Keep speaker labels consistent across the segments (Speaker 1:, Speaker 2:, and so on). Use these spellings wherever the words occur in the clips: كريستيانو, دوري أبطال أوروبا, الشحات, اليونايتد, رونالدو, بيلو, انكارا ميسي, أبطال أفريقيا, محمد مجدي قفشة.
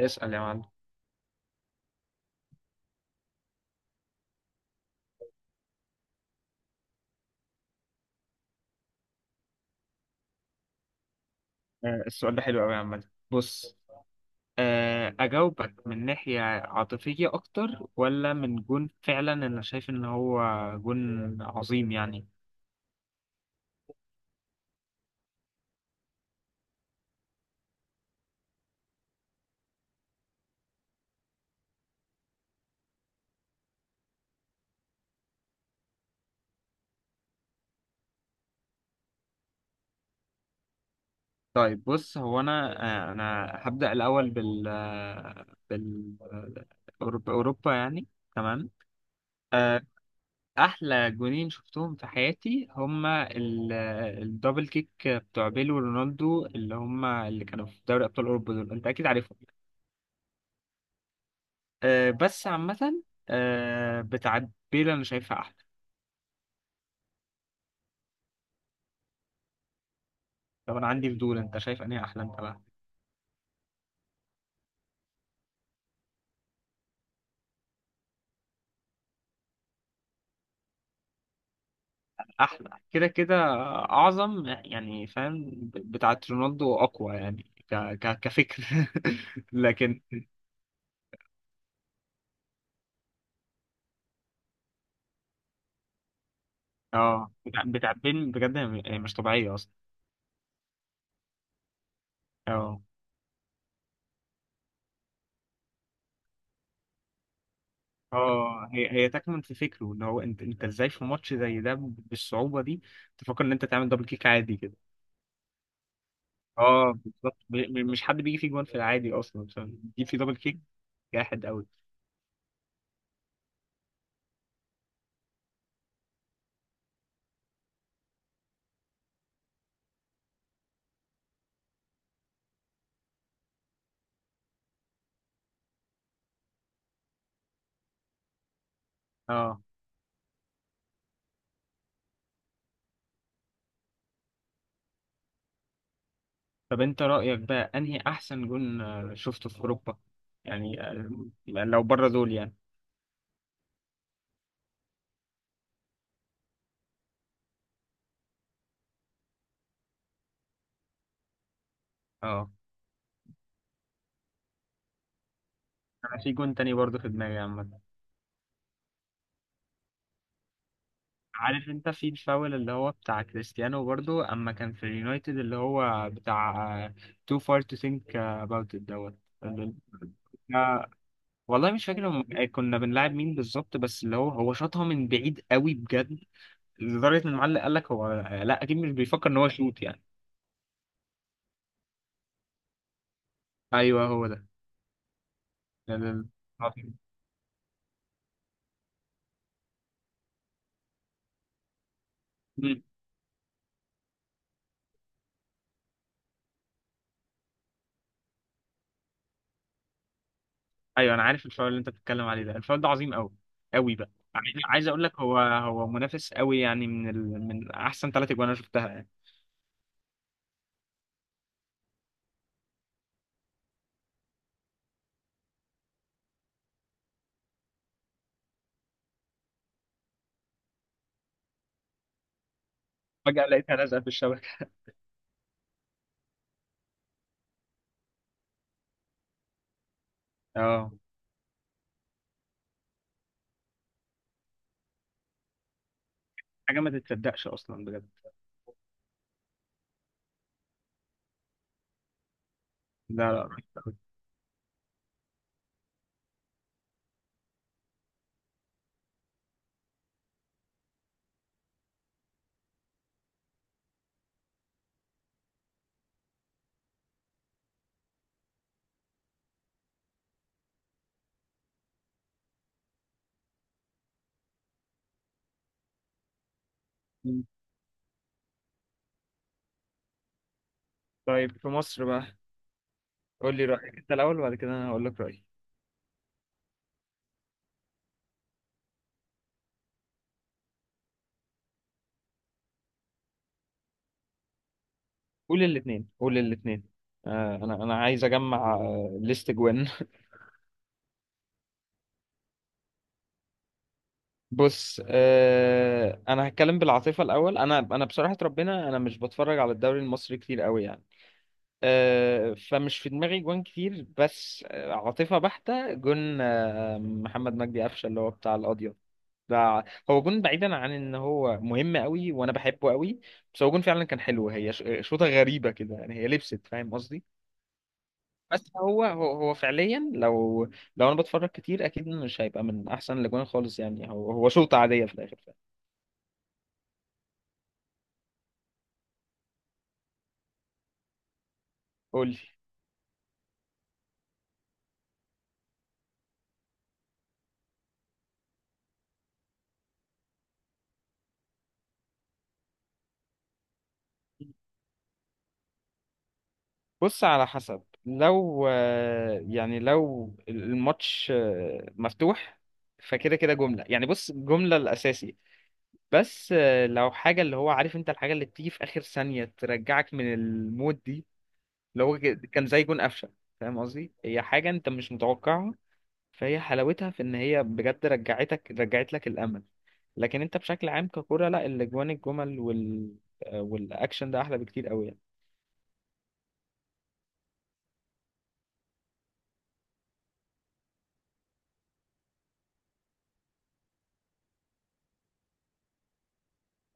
Speaker 1: اسأل يا معلم. السؤال ده حلو قوي يا عم. بص. أجاوبك من ناحية عاطفية أكتر ولا من جون فعلا؟ أنا شايف إن هو جون عظيم يعني. طيب بص هو أنا، أنا هبدأ الأول بال أوروبا يعني. تمام. آه، أحلى جونين شفتهم في حياتي هما الدبل كيك بتوع بيلو ورونالدو، اللي هما اللي كانوا في دوري أبطال أوروبا. دول أنت أكيد عارفهم. بس عامة، بتاعت بيلا أنا شايفها أحلى. طب أنا عندي فضول، أنت شايف أنهي أحلى أنت بقى؟ أحلى كده كده. أعظم يعني، فاهم؟ بتاعت رونالدو أقوى يعني. كفكر لكن. اه، بتاع بيل بجد، هي هي مش طبيعية أصلا. اه، اه هي هي تكمن في فكره ان هو انت ازاي في ماتش زي ده بالصعوبة دي تفكر ان انت تعمل دبل كيك عادي كده. اه، بالظبط. مش حد بيجي فيه جوان في العادي اصلا، فاهم؟ بيجي فيه دبل كيك. جاحد قوي. اه. طب انت رأيك بقى انهي احسن جون شفته في اوروبا يعني، لو بره دول يعني؟ اه، انا في جون تاني برضه في دماغي عامة. عارف انت في الفاول اللي هو بتاع كريستيانو برضه اما كان في اليونايتد، اللي هو بتاع too far to think about it دوت. اللي- آه، والله مش فاكر كنا بنلعب مين بالظبط، بس اللي هو شاطها من بعيد قوي بجد، لدرجة ان المعلق قال لك هو لا اكيد مش بيفكر ان هو يشوط يعني. ايوه هو ده. ده- ده- ايوه انا عارف الفاول اللي انت بتتكلم عليه، ده الفاول ده عظيم قوي قوي بقى. عايز اقول لك، هو منافس قوي يعني، من من احسن ثلاث اجوان انا شفتها يعني. فجأة لقيتها لازقة في الشبكة. اه، حاجة ما تتصدقش اصلا بجد. لا لا، رهيب قوي. مم. طيب في مصر بقى. قول لي رأيك انت الاول وبعد كده انا هقول لك رأيي. قول الاثنين، قول الاثنين. انا عايز اجمع ليست جوان. بص، انا هتكلم بالعاطفه الاول. انا بصراحه ربنا انا مش بتفرج على الدوري المصري كتير قوي يعني. فمش في دماغي جوان كتير، بس عاطفة بحتة، جون محمد مجدي قفشة، اللي هو بتاع القضية ده. هو جون بعيدا عن ان هو مهم قوي وانا بحبه قوي، بس هو جون فعلا كان حلو. هي شوطة غريبة كده يعني، هي لبست، فاهم قصدي؟ بس هو فعليا لو، لو انا بتفرج كتير اكيد مش هيبقى من احسن الاجوان خالص يعني. هو شوطة عادية في الاخر، فاهم؟ قول لي. بص، على حسب، لو يعني لو الماتش مفتوح فكده كده جملة يعني. بص، جملة الأساسي. بس لو حاجة اللي هو، عارف انت الحاجة اللي بتيجي في آخر ثانية ترجعك من المود دي؟ اللي هو كان زي جون قفشة، فاهم قصدي؟ هي حاجة انت مش متوقعها، فهي حلاوتها في ان هي بجد رجعتك، رجعت لك الأمل. لكن انت بشكل عام ككرة، لا، الاجوان الجمل والاكشن ده احلى بكتير قوي يعني.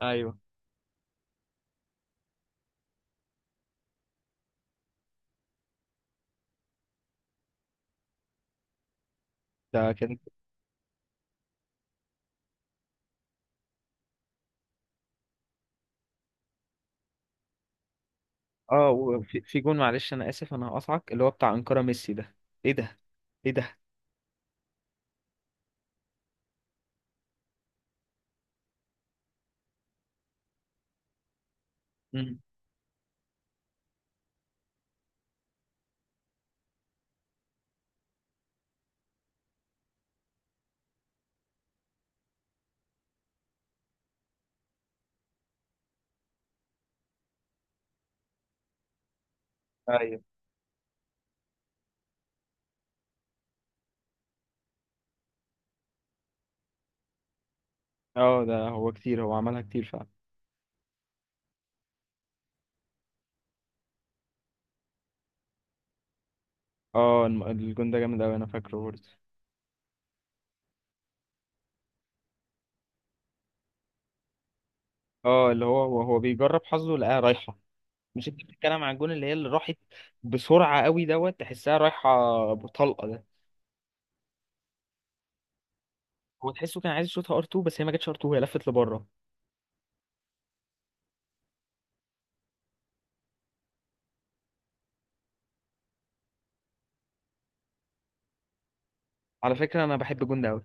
Speaker 1: ايوه ده كان. اه، وفي جون، معلش انا اسف انا هقطعك، اللي هو بتاع انكارا ميسي ده. ايه ده؟ ايه ده؟ امم. ايوه. اه، ده هو كتير، هو عملها كتير فعلا. اه، الجون ده جامد قوي، انا فاكره برضه. اه، اللي هو بيجرب حظه لقاها رايحه. مش انت بتتكلم عن الجون اللي هي اللي راحت بسرعه قوي دوت تحسها رايحه بطلقه ده؟ هو تحسه كان عايز يشوطها ار 2، بس هي ما جاتش ار 2، هي لفت لبره. على فكره انا بحب الجون ده قوي.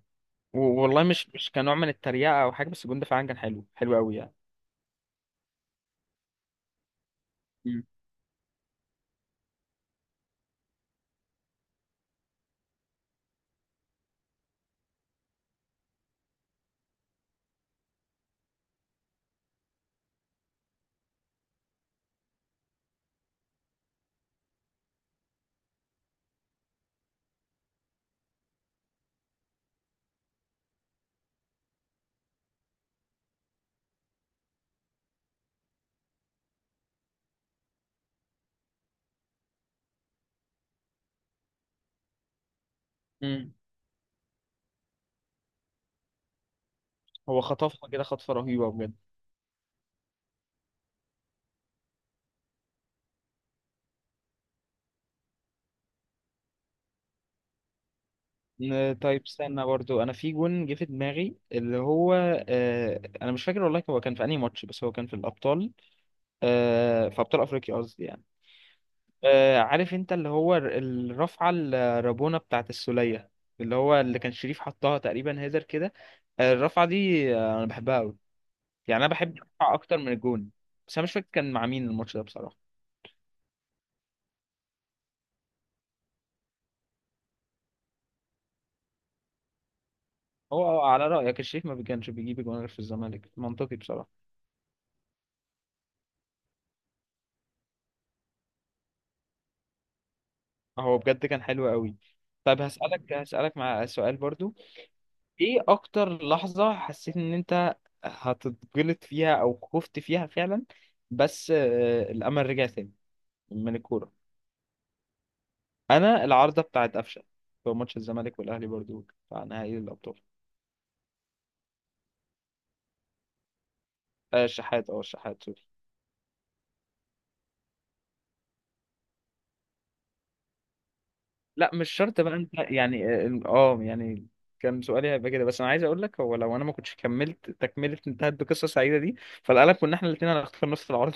Speaker 1: والله مش كنوع من التريقه او حاجه، بس الجون ده فعلا كان حلو، حلو قوي يعني. مم. مم. هو خطفها كده خطفة رهيبة بجد. طيب استنى برضو، انا في جون جه في دماغي اللي هو، انا مش فاكر والله هو كان في انهي ماتش، بس هو كان في الابطال. في ابطال افريقيا قصدي يعني. عارف انت اللي هو الرفعة الرابونة بتاعت السولية، اللي هو اللي كان شريف حطها تقريبا هيدر كده. الرفعة دي، انا بحبها قوي، يعني انا بحب الرفعة اكتر من الجون. بس انا مش فاكر كان مع مين الماتش ده بصراحة. هو على رأيك الشريف ما كانش بيجيب جون غير في الزمالك، منطقي بصراحة. هو بجد كان حلو قوي. طب هسألك مع سؤال برضو. ايه اكتر لحظة حسيت ان انت هتتجلط فيها او خفت فيها فعلا، بس الامل رجع تاني من الكورة؟ انا العارضة بتاعت قفشة في ماتش الزمالك والاهلي، برضو بتاع نهائي الابطال. الشحات، اه الشحات، سوري. لا مش شرط بقى انت يعني، اه، يعني كان سؤالي هيبقى كده، بس انا عايز اقول لك هو لو انا ما كنتش كملت تكمله انتهت بقصه سعيده دي، فالقلق كنا احنا الاثنين هنختار نص العرض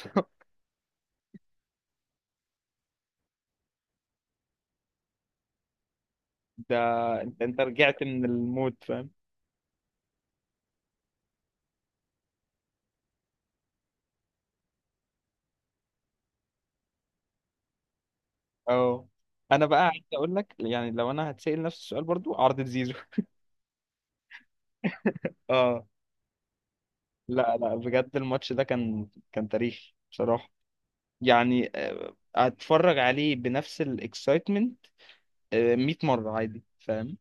Speaker 1: ده. انت رجعت من الموت، فاهم؟ اه، انا بقى عايز اقول لك يعني لو انا هتسأل نفس السؤال برضو، عرضة زيزو. اه. لا لا، بجد الماتش ده كان تاريخي بصراحة يعني. هتفرج عليه بنفس الاكسايتمنت 100 مرة عادي، فاهم؟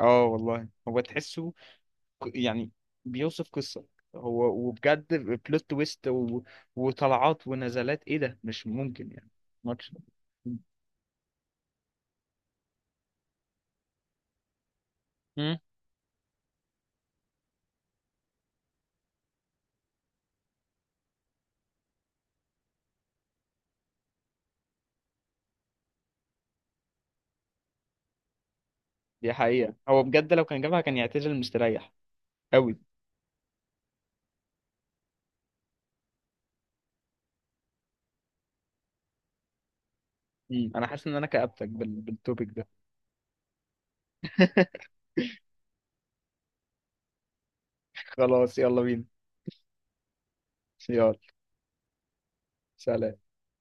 Speaker 1: اه والله، هو تحسه يعني بيوصف قصة. هو، وبجد بلوت تويست وطلعات ونزلات، ايه ده مش ممكن يعني. ماتش. دي حقيقة، هو بجد لو كان جابها كان يعتزل مستريح قوي. مم. انا حاسس ان انا كأبتك بالتوبيك ده. خلاص يلا بينا. يلا. سلام.